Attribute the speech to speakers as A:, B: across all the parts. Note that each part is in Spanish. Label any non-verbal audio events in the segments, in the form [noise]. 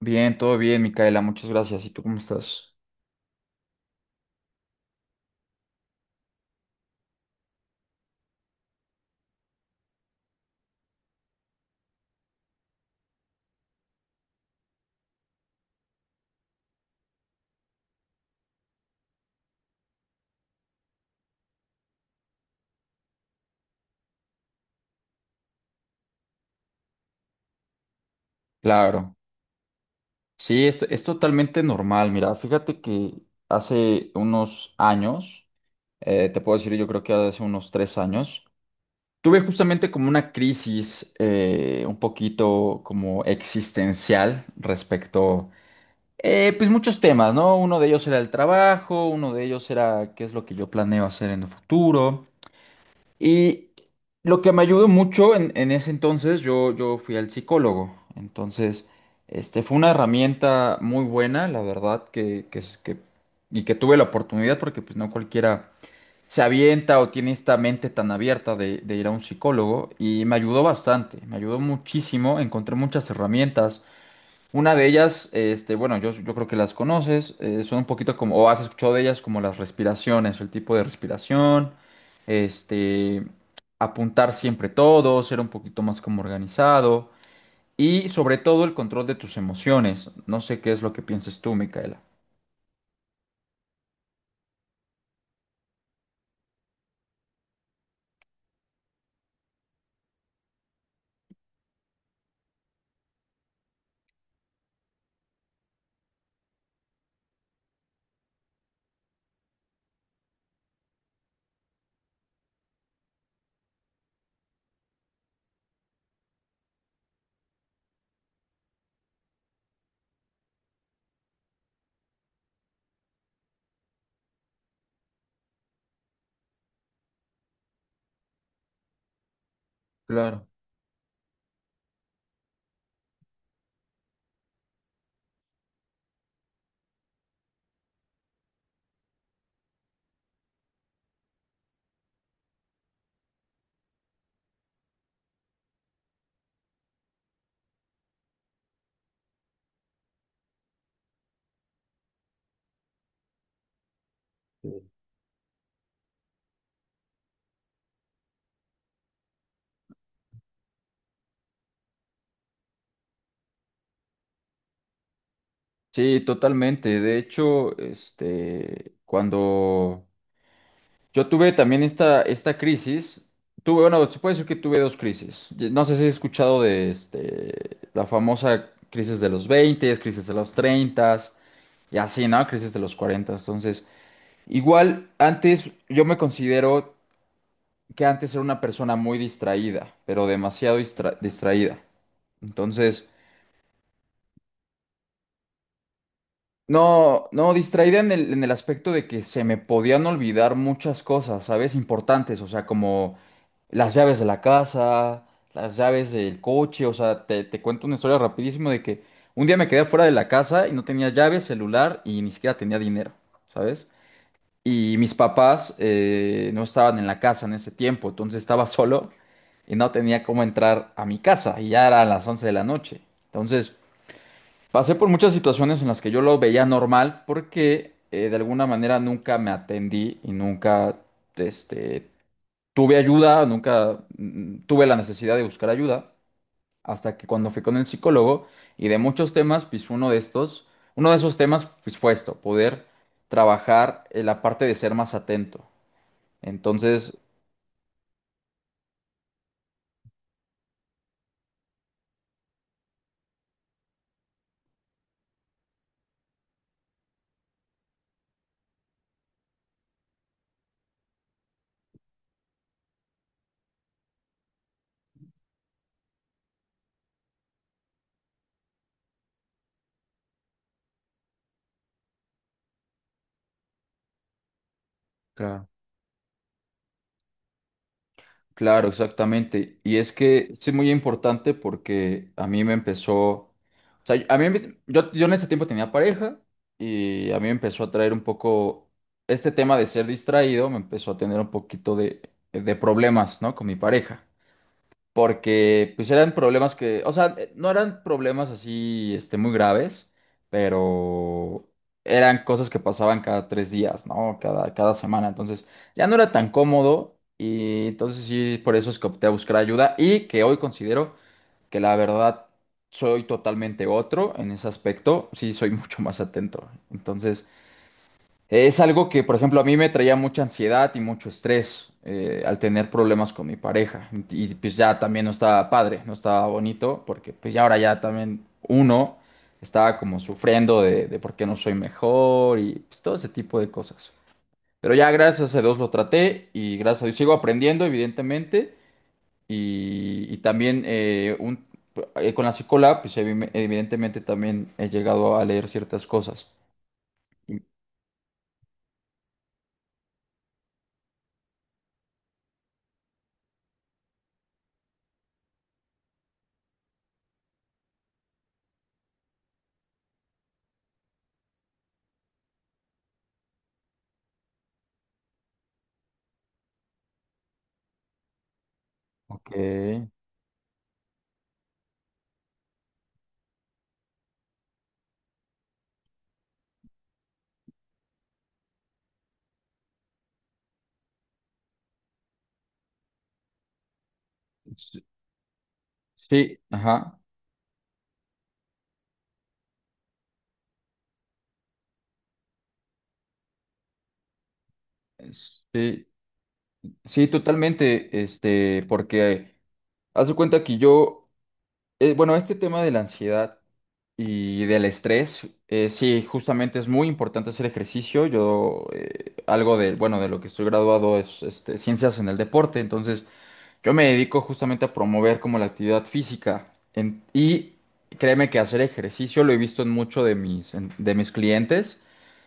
A: Bien, todo bien, Micaela, muchas gracias. ¿Y tú cómo estás? Claro. Sí, es totalmente normal. Mira, fíjate que hace unos años, te puedo decir, yo creo que hace unos tres años, tuve justamente como una crisis un poquito como existencial respecto, pues muchos temas, ¿no? Uno de ellos era el trabajo, uno de ellos era qué es lo que yo planeo hacer en el futuro. Y lo que me ayudó mucho en ese entonces, yo fui al psicólogo. Entonces, este fue una herramienta muy buena, la verdad, y que tuve la oportunidad porque pues no cualquiera se avienta o tiene esta mente tan abierta de ir a un psicólogo. Y me ayudó bastante, me ayudó muchísimo, encontré muchas herramientas, una de ellas, este, bueno, yo creo que las conoces, son un poquito como, o has escuchado de ellas como las respiraciones, el tipo de respiración, este, apuntar siempre todo, ser un poquito más como organizado y sobre todo el control de tus emociones. No sé qué es lo que pienses tú, Micaela. Claro. Sí, totalmente. De hecho, este, cuando yo tuve también esta crisis. Tuve, bueno, se puede decir que tuve dos crisis. Y no sé si has escuchado de este, la famosa crisis de los 20, crisis de los 30 y así, ¿no? Crisis de los 40. Entonces, igual antes yo me considero que antes era una persona muy distraída, pero demasiado distraída. Entonces, no, no, distraída en el aspecto de que se me podían olvidar muchas cosas, ¿sabes? Importantes, o sea, como las llaves de la casa, las llaves del coche, o sea, te cuento una historia rapidísimo de que un día me quedé fuera de la casa y no tenía llaves, celular y ni siquiera tenía dinero, ¿sabes? Y mis papás no estaban en la casa en ese tiempo, entonces estaba [laughs] solo y no tenía cómo entrar a mi casa y ya eran las 11 de la noche. Entonces, pasé por muchas situaciones en las que yo lo veía normal porque de alguna manera nunca me atendí y nunca este, tuve ayuda, nunca tuve la necesidad de buscar ayuda, hasta que cuando fui con el psicólogo y de muchos temas, pues uno de estos, uno de esos temas pues, fue esto, poder trabajar en la parte de ser más atento. Entonces, claro. Claro, exactamente. Y es que sí es muy importante porque a mí me empezó, o sea, a mí, yo, en ese tiempo tenía pareja y a mí me empezó a traer un poco, este tema de ser distraído me empezó a tener un poquito de problemas, ¿no? Con mi pareja porque pues eran problemas que, o sea, no eran problemas así, este, muy graves, pero eran cosas que pasaban cada 3 días, ¿no? Cada semana, entonces ya no era tan cómodo y entonces sí, por eso es que opté a buscar ayuda y que hoy considero que la verdad soy totalmente otro en ese aspecto, sí soy [laughs] mucho más atento, entonces es algo que, por ejemplo, a mí me traía mucha ansiedad y mucho estrés al tener problemas con mi pareja. Y pues ya también no estaba padre, no estaba bonito, porque pues ya ahora ya también uno estaba como sufriendo de por qué no soy mejor y pues todo ese tipo de cosas. Pero ya gracias a Dios lo traté y gracias a Dios sigo aprendiendo, evidentemente. Y también con la psicóloga, pues evidentemente también he llegado a leer ciertas cosas. Sí. Ok. Sí, ajá. Sí, sí, totalmente. Este, porque haz de cuenta que yo, bueno, este tema de la ansiedad y del estrés, sí, justamente es muy importante hacer ejercicio. Yo, algo de, bueno, de lo que estoy graduado es este, ciencias en el deporte. Entonces, yo me dedico justamente a promover como la actividad física. Y créeme que hacer ejercicio lo he visto en mucho de mis, de mis clientes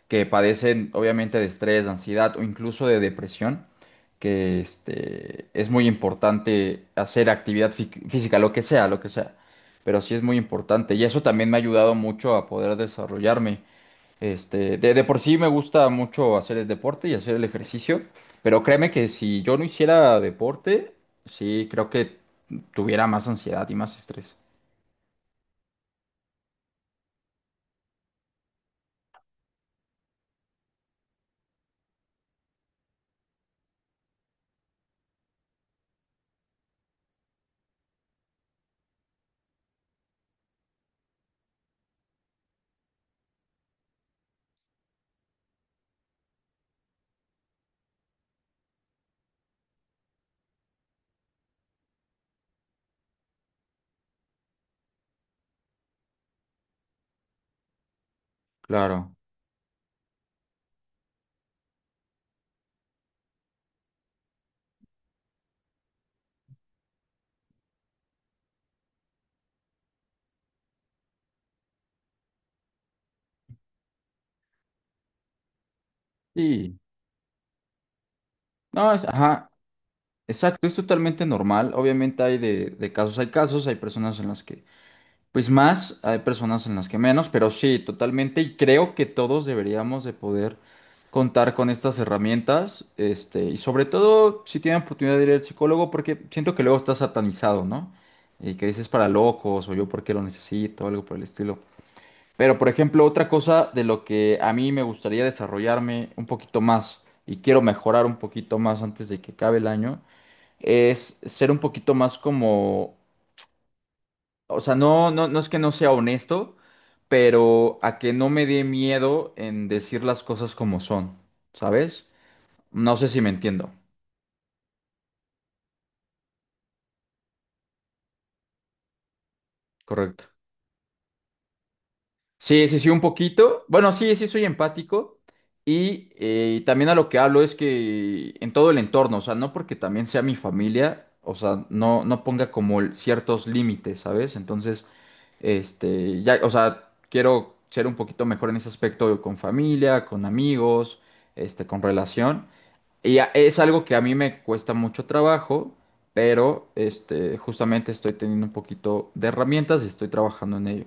A: que padecen obviamente de estrés, de ansiedad o incluso de depresión, que este, es muy importante hacer actividad física, lo que sea, pero sí es muy importante y eso también me ha ayudado mucho a poder desarrollarme. Este, de por sí me gusta mucho hacer el deporte y hacer el ejercicio, pero créeme que si yo no hiciera deporte, sí creo que tuviera más ansiedad y más estrés. Claro. Sí. No, es, ajá. Exacto, es totalmente normal. Obviamente hay de casos, hay personas en las que pues más, hay personas en las que menos, pero sí, totalmente. Y creo que todos deberíamos de poder contar con estas herramientas, este, y sobre todo si tienen oportunidad de ir al psicólogo, porque siento que luego está satanizado, ¿no? Y que dices para locos o yo porque lo necesito, algo por el estilo. Pero por ejemplo, otra cosa de lo que a mí me gustaría desarrollarme un poquito más y quiero mejorar un poquito más antes de que acabe el año es ser un poquito más como, o sea, no es que no sea honesto, pero a que no me dé miedo en decir las cosas como son, ¿sabes? No sé si me entiendo, correcto. Sí, sí, sí, un poquito. Bueno, sí, sí, soy empático. Y también a lo que hablo es que en todo el entorno, o sea, no porque también sea mi familia, o sea, no, no ponga como ciertos límites, ¿sabes? Entonces, este, ya, o sea, quiero ser un poquito mejor en ese aspecto con familia, con amigos, este, con relación. Es algo que a mí me cuesta mucho trabajo, pero este, justamente estoy teniendo un poquito de herramientas y estoy trabajando en ello.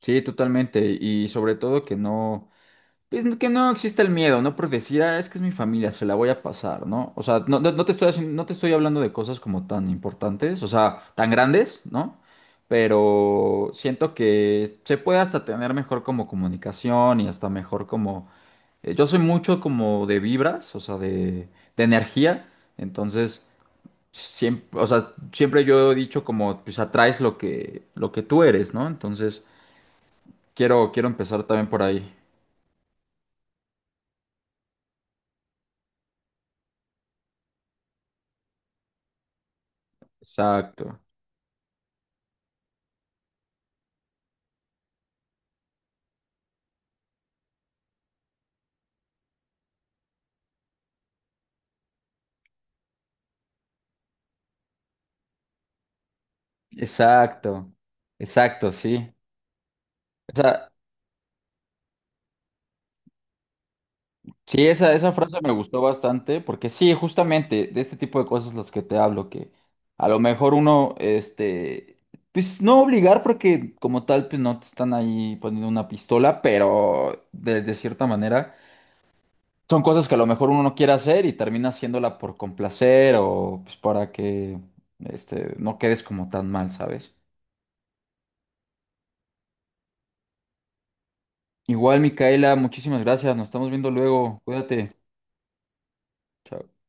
A: Sí, totalmente. Y sobre todo que no, pues que no exista el miedo, ¿no? Por decir, "Ah, es que es mi familia, se la voy a pasar, ¿no?". O sea, no te estoy haciendo, no te estoy hablando de cosas como tan importantes, o sea, tan grandes, ¿no? Pero siento que se puede hasta tener mejor como comunicación y hasta mejor como... yo soy mucho como de vibras, o sea, de energía. Entonces, siempre, o sea, siempre yo he dicho como, pues atraes lo que tú eres, ¿no? Entonces, quiero empezar también por ahí. Exacto, exacto, exacto, sí. Esa, sí, esa frase me gustó bastante porque sí, justamente de este tipo de cosas las que te hablo, que a lo mejor uno, este, pues no obligar porque como tal, pues no te están ahí poniendo una pistola, pero de cierta manera son cosas que a lo mejor uno no quiere hacer y termina haciéndola por complacer o pues para que, este, no quedes como tan mal, ¿sabes? Igual, Micaela, muchísimas gracias. Nos estamos viendo luego. Cuídate. Chao.